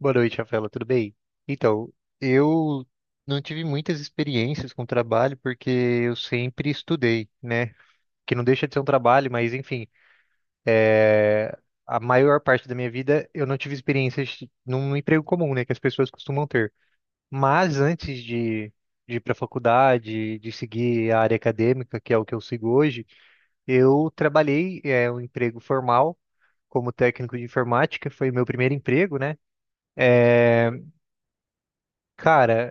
Boa noite, Rafaela, tudo bem? Então, eu não tive muitas experiências com trabalho porque eu sempre estudei, né? Que não deixa de ser um trabalho, mas enfim, a maior parte da minha vida eu não tive experiências num emprego comum, né? Que as pessoas costumam ter. Mas antes de ir para a faculdade, de seguir a área acadêmica, que é o que eu sigo hoje, eu trabalhei, um emprego formal como técnico de informática, foi o meu primeiro emprego, né? É, cara,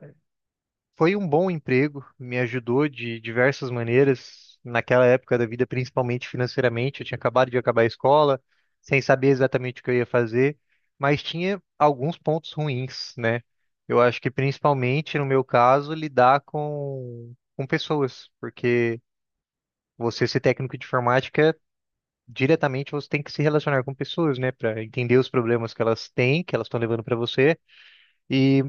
foi um bom emprego, me ajudou de diversas maneiras naquela época da vida, principalmente financeiramente. Eu tinha acabado de acabar a escola, sem saber exatamente o que eu ia fazer, mas tinha alguns pontos ruins, né? Eu acho que principalmente no meu caso, lidar com pessoas, porque você ser técnico de informática, diretamente você tem que se relacionar com pessoas, né, para entender os problemas que elas têm, que elas estão levando para você. E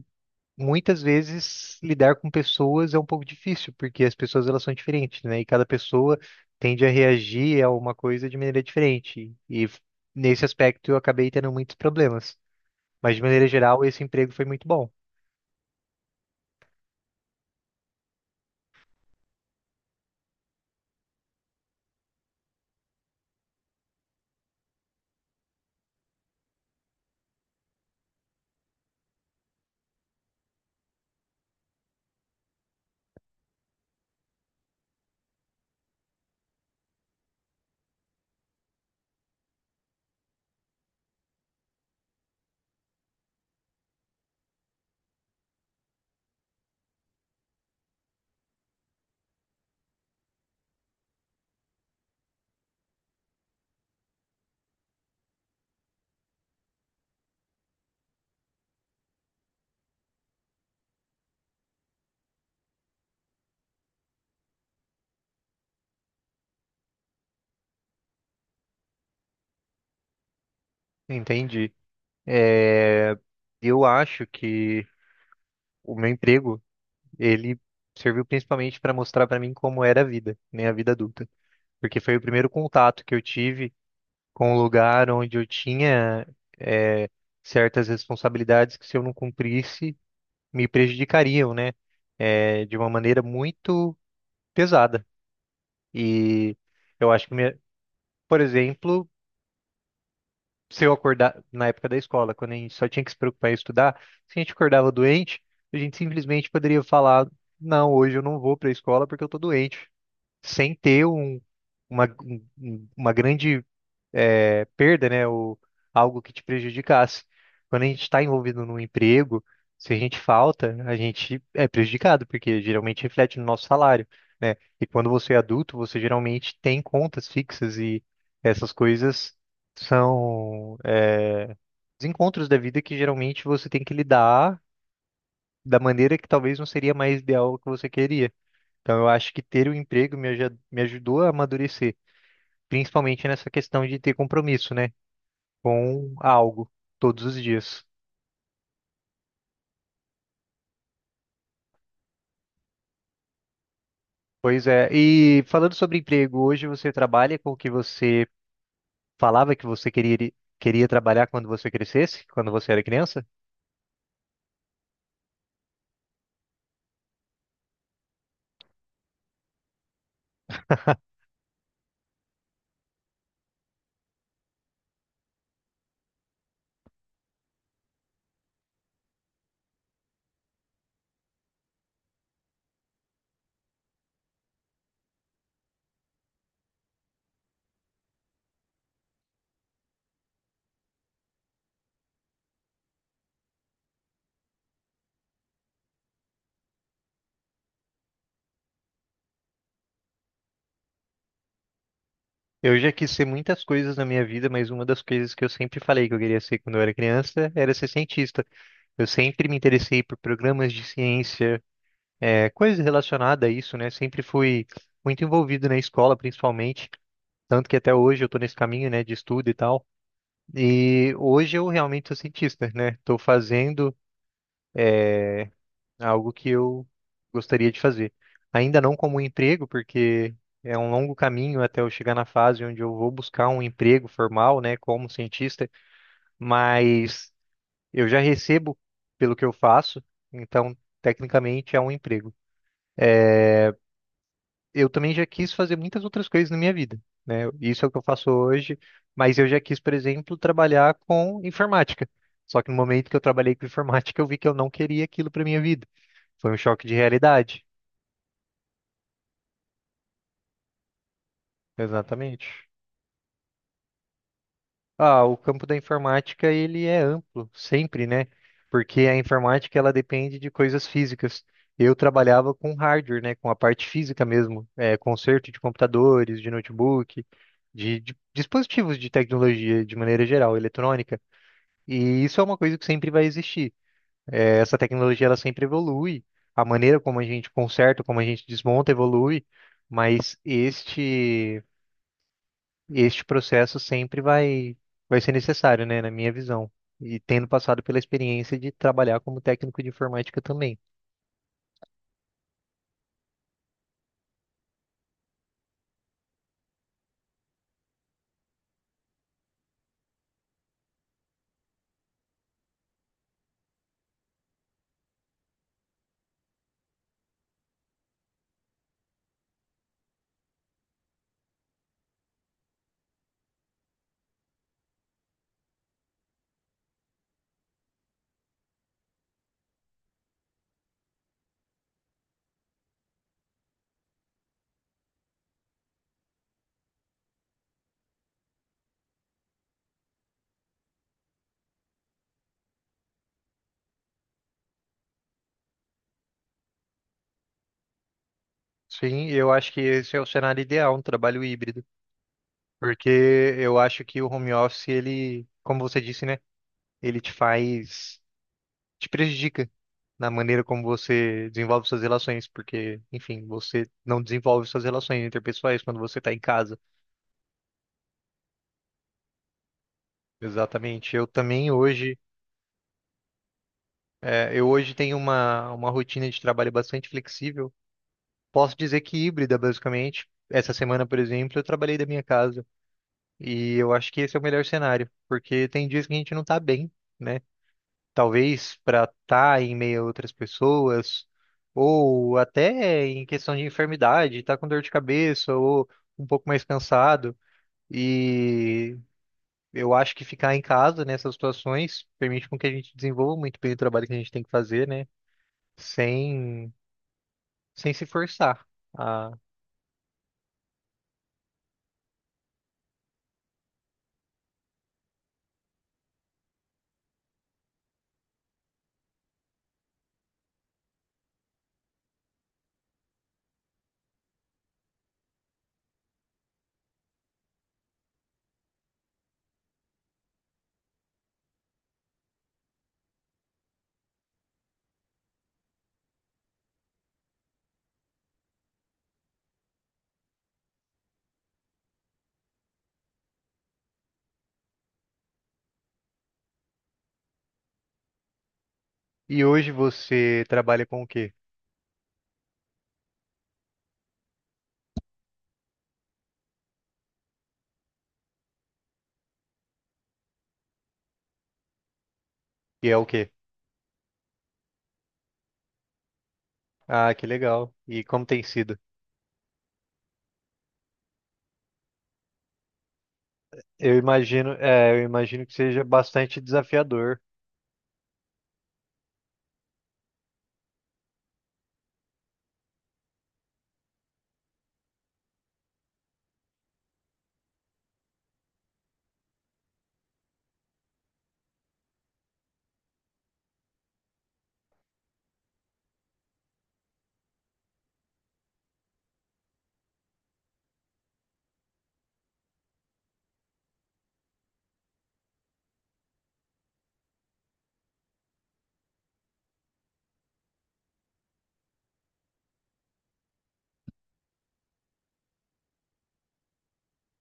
muitas vezes lidar com pessoas é um pouco difícil, porque as pessoas elas são diferentes, né? E cada pessoa tende a reagir a uma coisa de maneira diferente. Nesse aspecto eu acabei tendo muitos problemas. Mas de maneira geral, esse emprego foi muito bom. Entendi. É, eu acho que o meu emprego, ele serviu principalmente para mostrar para mim como era a vida, né, a vida adulta, porque foi o primeiro contato que eu tive com um lugar onde eu tinha eh, certas responsabilidades que, se eu não cumprisse, me prejudicariam, né? De uma maneira muito pesada. E eu acho que, por exemplo, se eu acordar na época da escola, quando a gente só tinha que se preocupar em estudar, se a gente acordava doente, a gente simplesmente poderia falar, não, hoje eu não vou para a escola porque eu tô doente, sem ter uma grande perda, né? Ou algo que te prejudicasse. Quando a gente está envolvido num emprego, se a gente falta, a gente é prejudicado, porque geralmente reflete no nosso salário, né? E quando você é adulto, você geralmente tem contas fixas e essas coisas são os encontros da vida que geralmente você tem que lidar da maneira que talvez não seria mais ideal o que você queria. Então, eu acho que ter o emprego me ajudou a amadurecer, principalmente nessa questão de ter compromisso, né? Com algo todos os dias. Pois é. E falando sobre emprego, hoje você trabalha com o que você falava que você queria, queria trabalhar quando você crescesse, quando você era criança? Eu já quis ser muitas coisas na minha vida, mas uma das coisas que eu sempre falei que eu queria ser quando eu era criança era ser cientista. Eu sempre me interessei por programas de ciência, coisas relacionadas a isso, né? Sempre fui muito envolvido na escola, principalmente. Tanto que até hoje eu estou nesse caminho, né, de estudo e tal. E hoje eu realmente sou cientista, né? Estou fazendo algo que eu gostaria de fazer. Ainda não como um emprego, porque é um longo caminho até eu chegar na fase onde eu vou buscar um emprego formal, né, como cientista, mas eu já recebo pelo que eu faço, então tecnicamente é um emprego. Eu também já quis fazer muitas outras coisas na minha vida, né? Isso é o que eu faço hoje, mas eu já quis, por exemplo, trabalhar com informática. Só que no momento que eu trabalhei com informática, eu vi que eu não queria aquilo para minha vida. Foi um choque de realidade. Exatamente. Ah, o campo da informática ele é amplo, sempre, né? Porque a informática ela depende de coisas físicas. Eu trabalhava com hardware, né? Com a parte física mesmo, é, conserto de computadores, de notebook, de dispositivos de tecnologia de maneira geral, eletrônica. E isso é uma coisa que sempre vai existir. É, essa tecnologia ela sempre evolui, a maneira como a gente conserta, como a gente desmonta evolui, mas este processo sempre vai ser necessário, né, na minha visão. E tendo passado pela experiência de trabalhar como técnico de informática também. Sim, eu acho que esse é o cenário ideal, um trabalho híbrido, porque eu acho que o home office, ele, como você disse, né, ele te prejudica na maneira como você desenvolve suas relações, porque, enfim, você não desenvolve suas relações interpessoais quando você está em casa. Exatamente. Eu hoje tenho uma rotina de trabalho bastante flexível. Posso dizer que híbrida, basicamente. Essa semana, por exemplo, eu trabalhei da minha casa e eu acho que esse é o melhor cenário, porque tem dias que a gente não tá bem, né? Talvez para estar em meio a outras pessoas, ou até em questão de enfermidade, tá com dor de cabeça ou um pouco mais cansado. E eu acho que ficar em casa nessas situações permite com que a gente desenvolva muito bem o trabalho que a gente tem que fazer, né? Sem, Sem se forçar. E hoje você trabalha com o quê? E é o quê? Ah, que legal. E como tem sido? Eu imagino, é, eu imagino que seja bastante desafiador.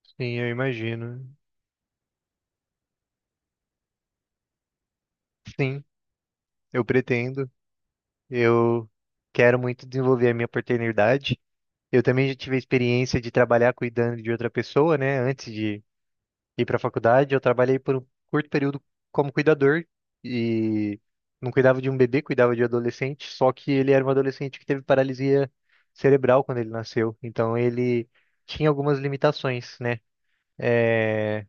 Sim, eu imagino. Sim, eu pretendo. Eu quero muito desenvolver a minha paternidade. Eu também já tive a experiência de trabalhar cuidando de outra pessoa, né? Antes de ir para a faculdade. Eu trabalhei por um curto período como cuidador e não cuidava de um bebê, cuidava de um adolescente. Só que ele era um adolescente que teve paralisia cerebral quando ele nasceu. Então ele tinha algumas limitações, né? É,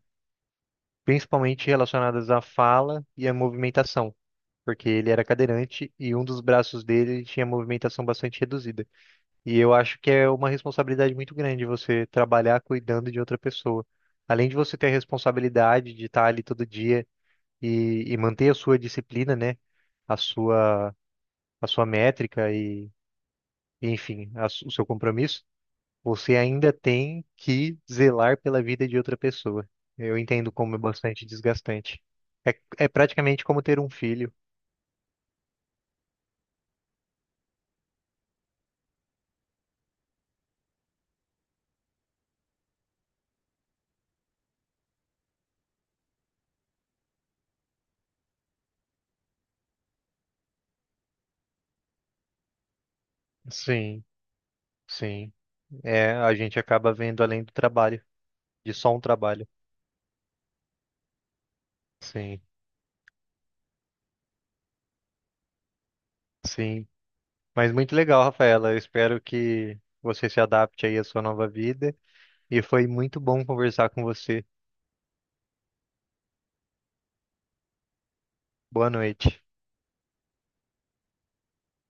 principalmente relacionadas à fala e à movimentação, porque ele era cadeirante e um dos braços dele tinha movimentação bastante reduzida. E eu acho que é uma responsabilidade muito grande você trabalhar cuidando de outra pessoa. Além de você ter a responsabilidade de estar ali todo dia e manter a sua disciplina, né? A sua, a sua métrica enfim, o seu compromisso, você ainda tem que zelar pela vida de outra pessoa. Eu entendo como é bastante desgastante. É, é praticamente como ter um filho. Sim, sim. É, a gente acaba vendo além do trabalho, de só um trabalho. Sim, sim. Mas muito legal, Rafaela. Eu espero que você se adapte aí à sua nova vida. E foi muito bom conversar com você. Boa noite.